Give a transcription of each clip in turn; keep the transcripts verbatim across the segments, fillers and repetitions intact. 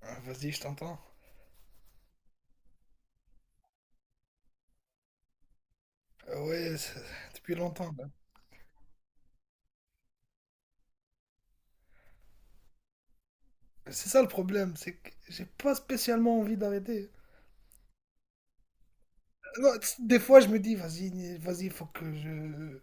Ah, vas-y, je t'entends. Ah ouais, c'est- depuis longtemps là. C'est ça le problème, c'est que j'ai pas spécialement envie d'arrêter. Non, t's- des fois, je me dis, vas-y, ni- vas-y, faut que je,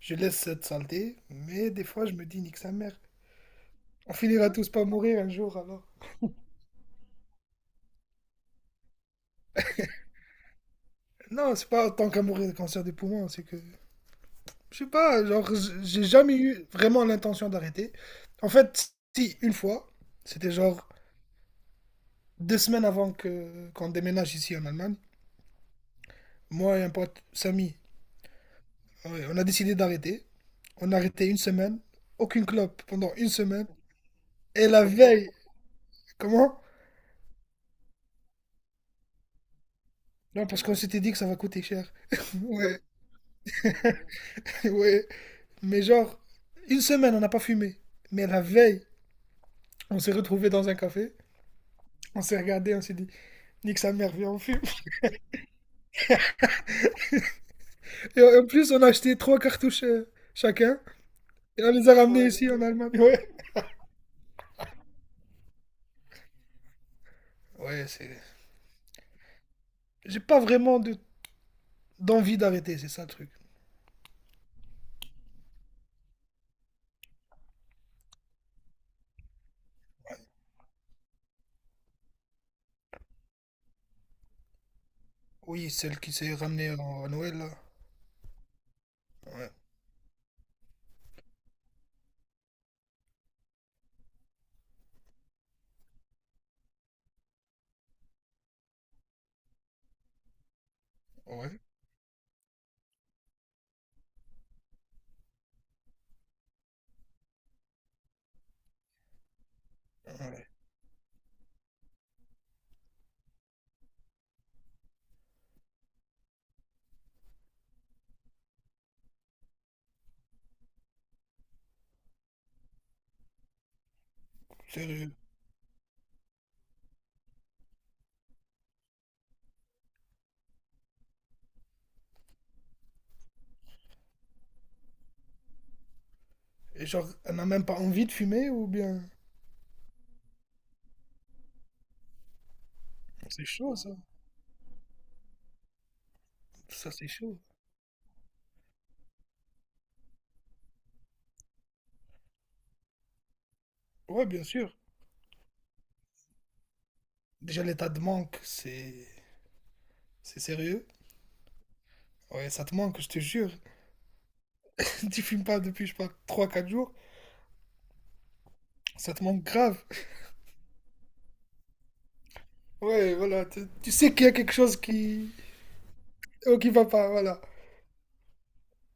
je laisse cette saleté. Mais des fois, je me dis, nique sa mère. On finira tous par mourir un jour, alors. Non, c'est pas tant qu'à mourir de cancer des poumons, c'est que... Je sais pas, genre, j- j'ai jamais eu vraiment l'intention d'arrêter. En fait, si, une fois, c'était genre deux semaines avant que qu'on déménage ici en Allemagne. Moi et un pote, Samy, ah ouais, on a décidé d'arrêter. On a arrêté une semaine. Aucune clope pendant une semaine. Et la veille, comment? Non, parce qu'on s'était dit que ça va coûter cher. Ouais, ouais. Mais genre, une semaine, on n'a pas fumé. Mais la veille, on s'est retrouvés dans un café. On s'est regardé, on s'est dit, nique sa mère, viens, on fume. Et en en plus, on a acheté trois cartouches euh, chacun. Et on les a ramenés, ouais, ici en Allemagne. Ouais. Ouais, c'est. J'ai pas vraiment de... d'envie d'arrêter, c'est ça le truc. Oui, celle qui s'est ramenée en- à Noël, là. Ouais, ouais, ouais. Sérieux. Et genre, elle n'a même pas envie de fumer ou bien. C'est chaud, ça. Ça, c'est chaud. Ouais, bien sûr. Déjà, l'état de manque, c'est. C'est sérieux. Ouais, ça te manque, je te jure. Tu fumes pas depuis, je sais pas, trois quatre jours. Ça te manque grave. Ouais, voilà. Tu, tu sais qu'il y a quelque chose qui. Oh, qui va pas, voilà.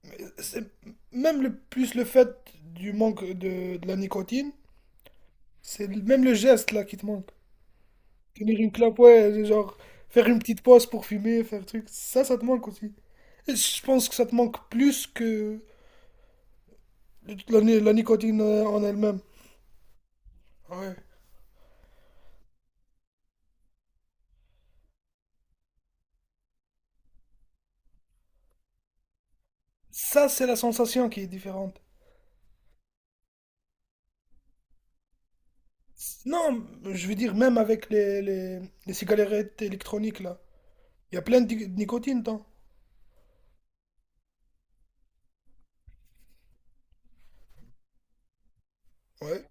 Mais c'est. Même le plus le fait du manque de, de la nicotine, c'est le- même le geste là qui te manque. Tenir une clope, ouais, genre faire une petite pause pour fumer, faire truc. Ça, ça te manque aussi. Et je pense que ça te manque plus que la, ni- la nicotine euh, en elle-même. Ouais. Ça, c'est la sensation qui est différente. Non, je veux dire, même avec les, les, les cigarettes électroniques, là. Il y a plein de di- de nicotine dedans. Ouais,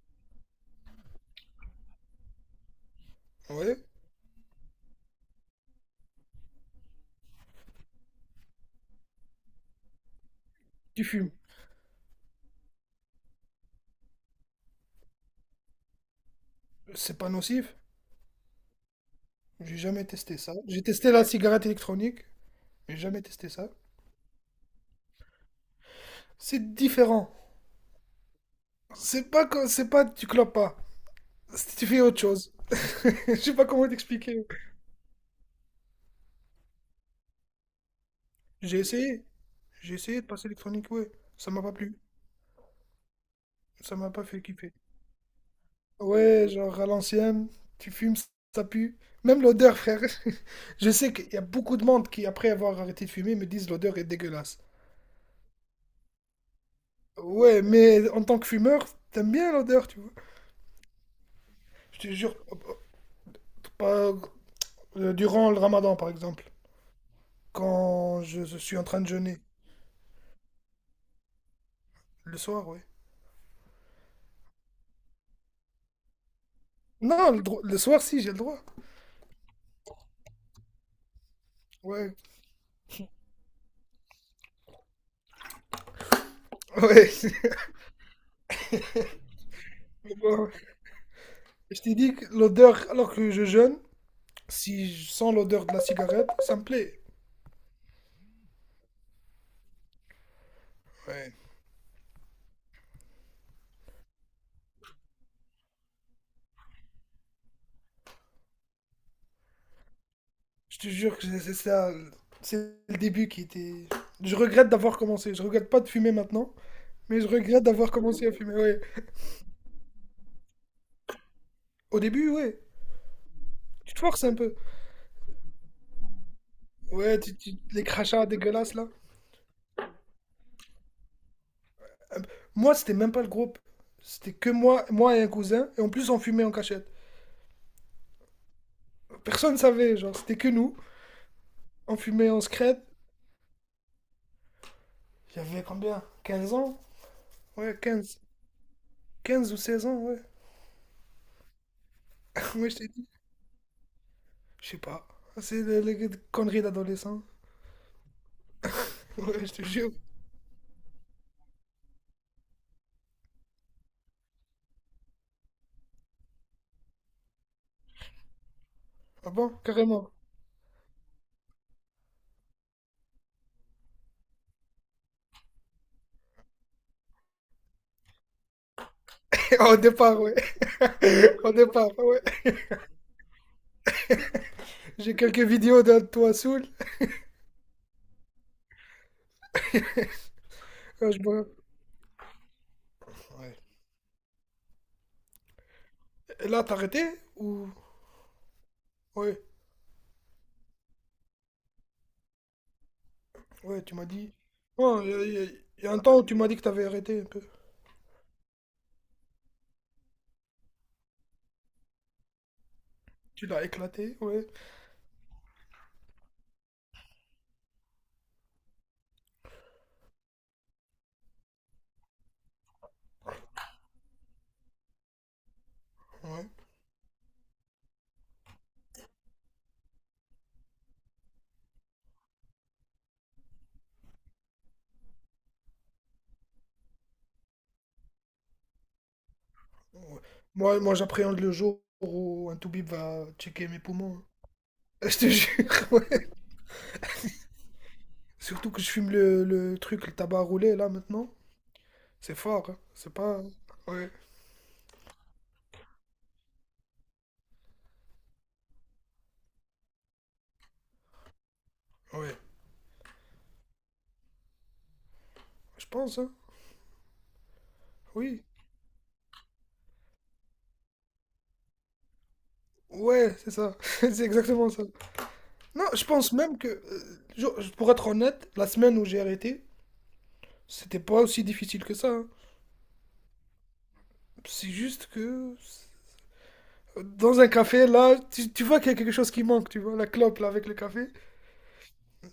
ouais. Tu fumes. C'est pas nocif. J'ai jamais testé ça. J'ai testé la cigarette électronique, mais j'ai jamais testé ça. C'est différent. C'est pas, co- c'est pas, tu clopes pas. C'est- Tu fais autre chose. Je sais pas comment t'expliquer. J'ai essayé. J'ai essayé de passer l'électronique, ouais. Ça m'a pas plu. Ça m'a pas fait kiffer. Ouais, genre à l'ancienne, tu fumes, ça pue. Même l'odeur, frère. Je sais qu'il y a beaucoup de monde qui, après avoir arrêté de fumer, me disent l'odeur est dégueulasse. Ouais, mais en tant que fumeur, t'aimes bien l'odeur, tu vois. Je te jure, pas, euh, durant le ramadan, par exemple, quand je, je suis en train de jeûner, le soir, ouais. Non, le, dro- le soir, si, j'ai le droit. Ouais, ouais. Mais bon, je t'ai dit que l'odeur, alors que je jeûne, si je sens l'odeur de la cigarette, ça me plaît. Ouais. Je te jure que c'est ça. C'est le début qui était. Je regrette d'avoir commencé. Je regrette pas de fumer maintenant, mais je regrette d'avoir commencé à fumer. Ouais. Au début, ouais. Tu te forces un peu. Ouais, tu, tu- les crachats dégueulasses là. Moi, c'était même pas le groupe. C'était que moi, moi et un cousin. Et en plus, on fumait en cachette. Personne savait, genre, c'était que nous. On fumait en secret. J'avais combien, quinze ans. Ouais, quinze. Quinze ou seize ans, ouais. Moi, j'étais. Je sais pas. C'est les des conneries d'adolescents. Ouais, je te jure. Ah bon? Carrément. Au départ, ouais. Au départ, ouais. J'ai quelques vidéos de toi saoul. quand je me- Ouais. Et là, t'as arrêté? Ou... Ouais, ouais, tu m'as dit. Ouais, il y, a il y a un temps où tu m'as dit que t'avais arrêté un peu. Tu l'as éclaté, ouais. Ouais. Ouais. Moi, moi j'appréhende le jour où un toubib va checker mes poumons. Je te jure, ouais. Surtout que je fume le, le truc, le tabac roulé, là, maintenant. C'est fort, hein. C'est pas. Ouais, ouais. Je pense, hein. Oui. Ouais, c'est ça. C'est exactement ça. Non, je pense même que, euh, je- pour être honnête, la semaine où j'ai arrêté, c'était pas aussi difficile que ça, hein. C'est juste que. Dans un café, là, tu, tu vois qu'il y a quelque chose qui manque, tu vois, la clope, là, avec le café.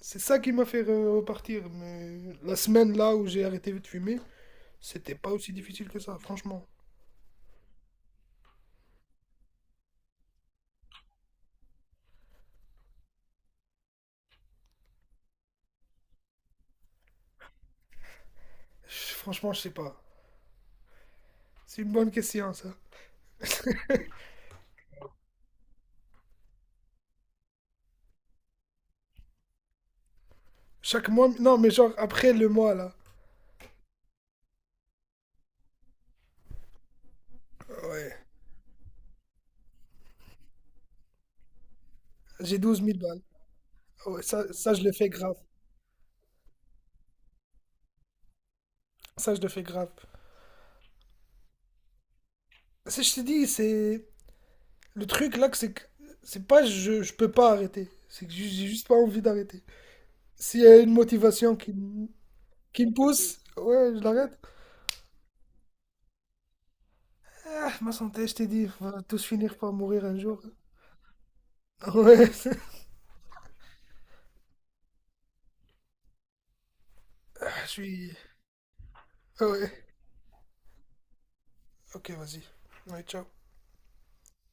C'est ça qui m'a fait re- repartir. Mais la semaine, là, où j'ai arrêté de fumer, c'était pas aussi difficile que ça, franchement. Je- Franchement, je sais pas. C'est une bonne question, ça. Chaque mois, non, mais genre après le mois là. Ouais. J'ai douze mille balles. Ouais, ça, ça, je le fais grave. Ça, je le fais grave. Ça, je t'ai dit, c'est. Le truc là, que c'est que. C'est pas je, je peux pas arrêter. C'est que ju- j'ai juste pas envie d'arrêter. S'il y a une motivation qui, m- qui me pousse, ouais, je l'arrête. Ah, ma santé, je t'ai dit, on va tous finir par mourir un jour. Ouais. Ah, je suis. Ouais. Ok, vas-y. Ouais, ciao.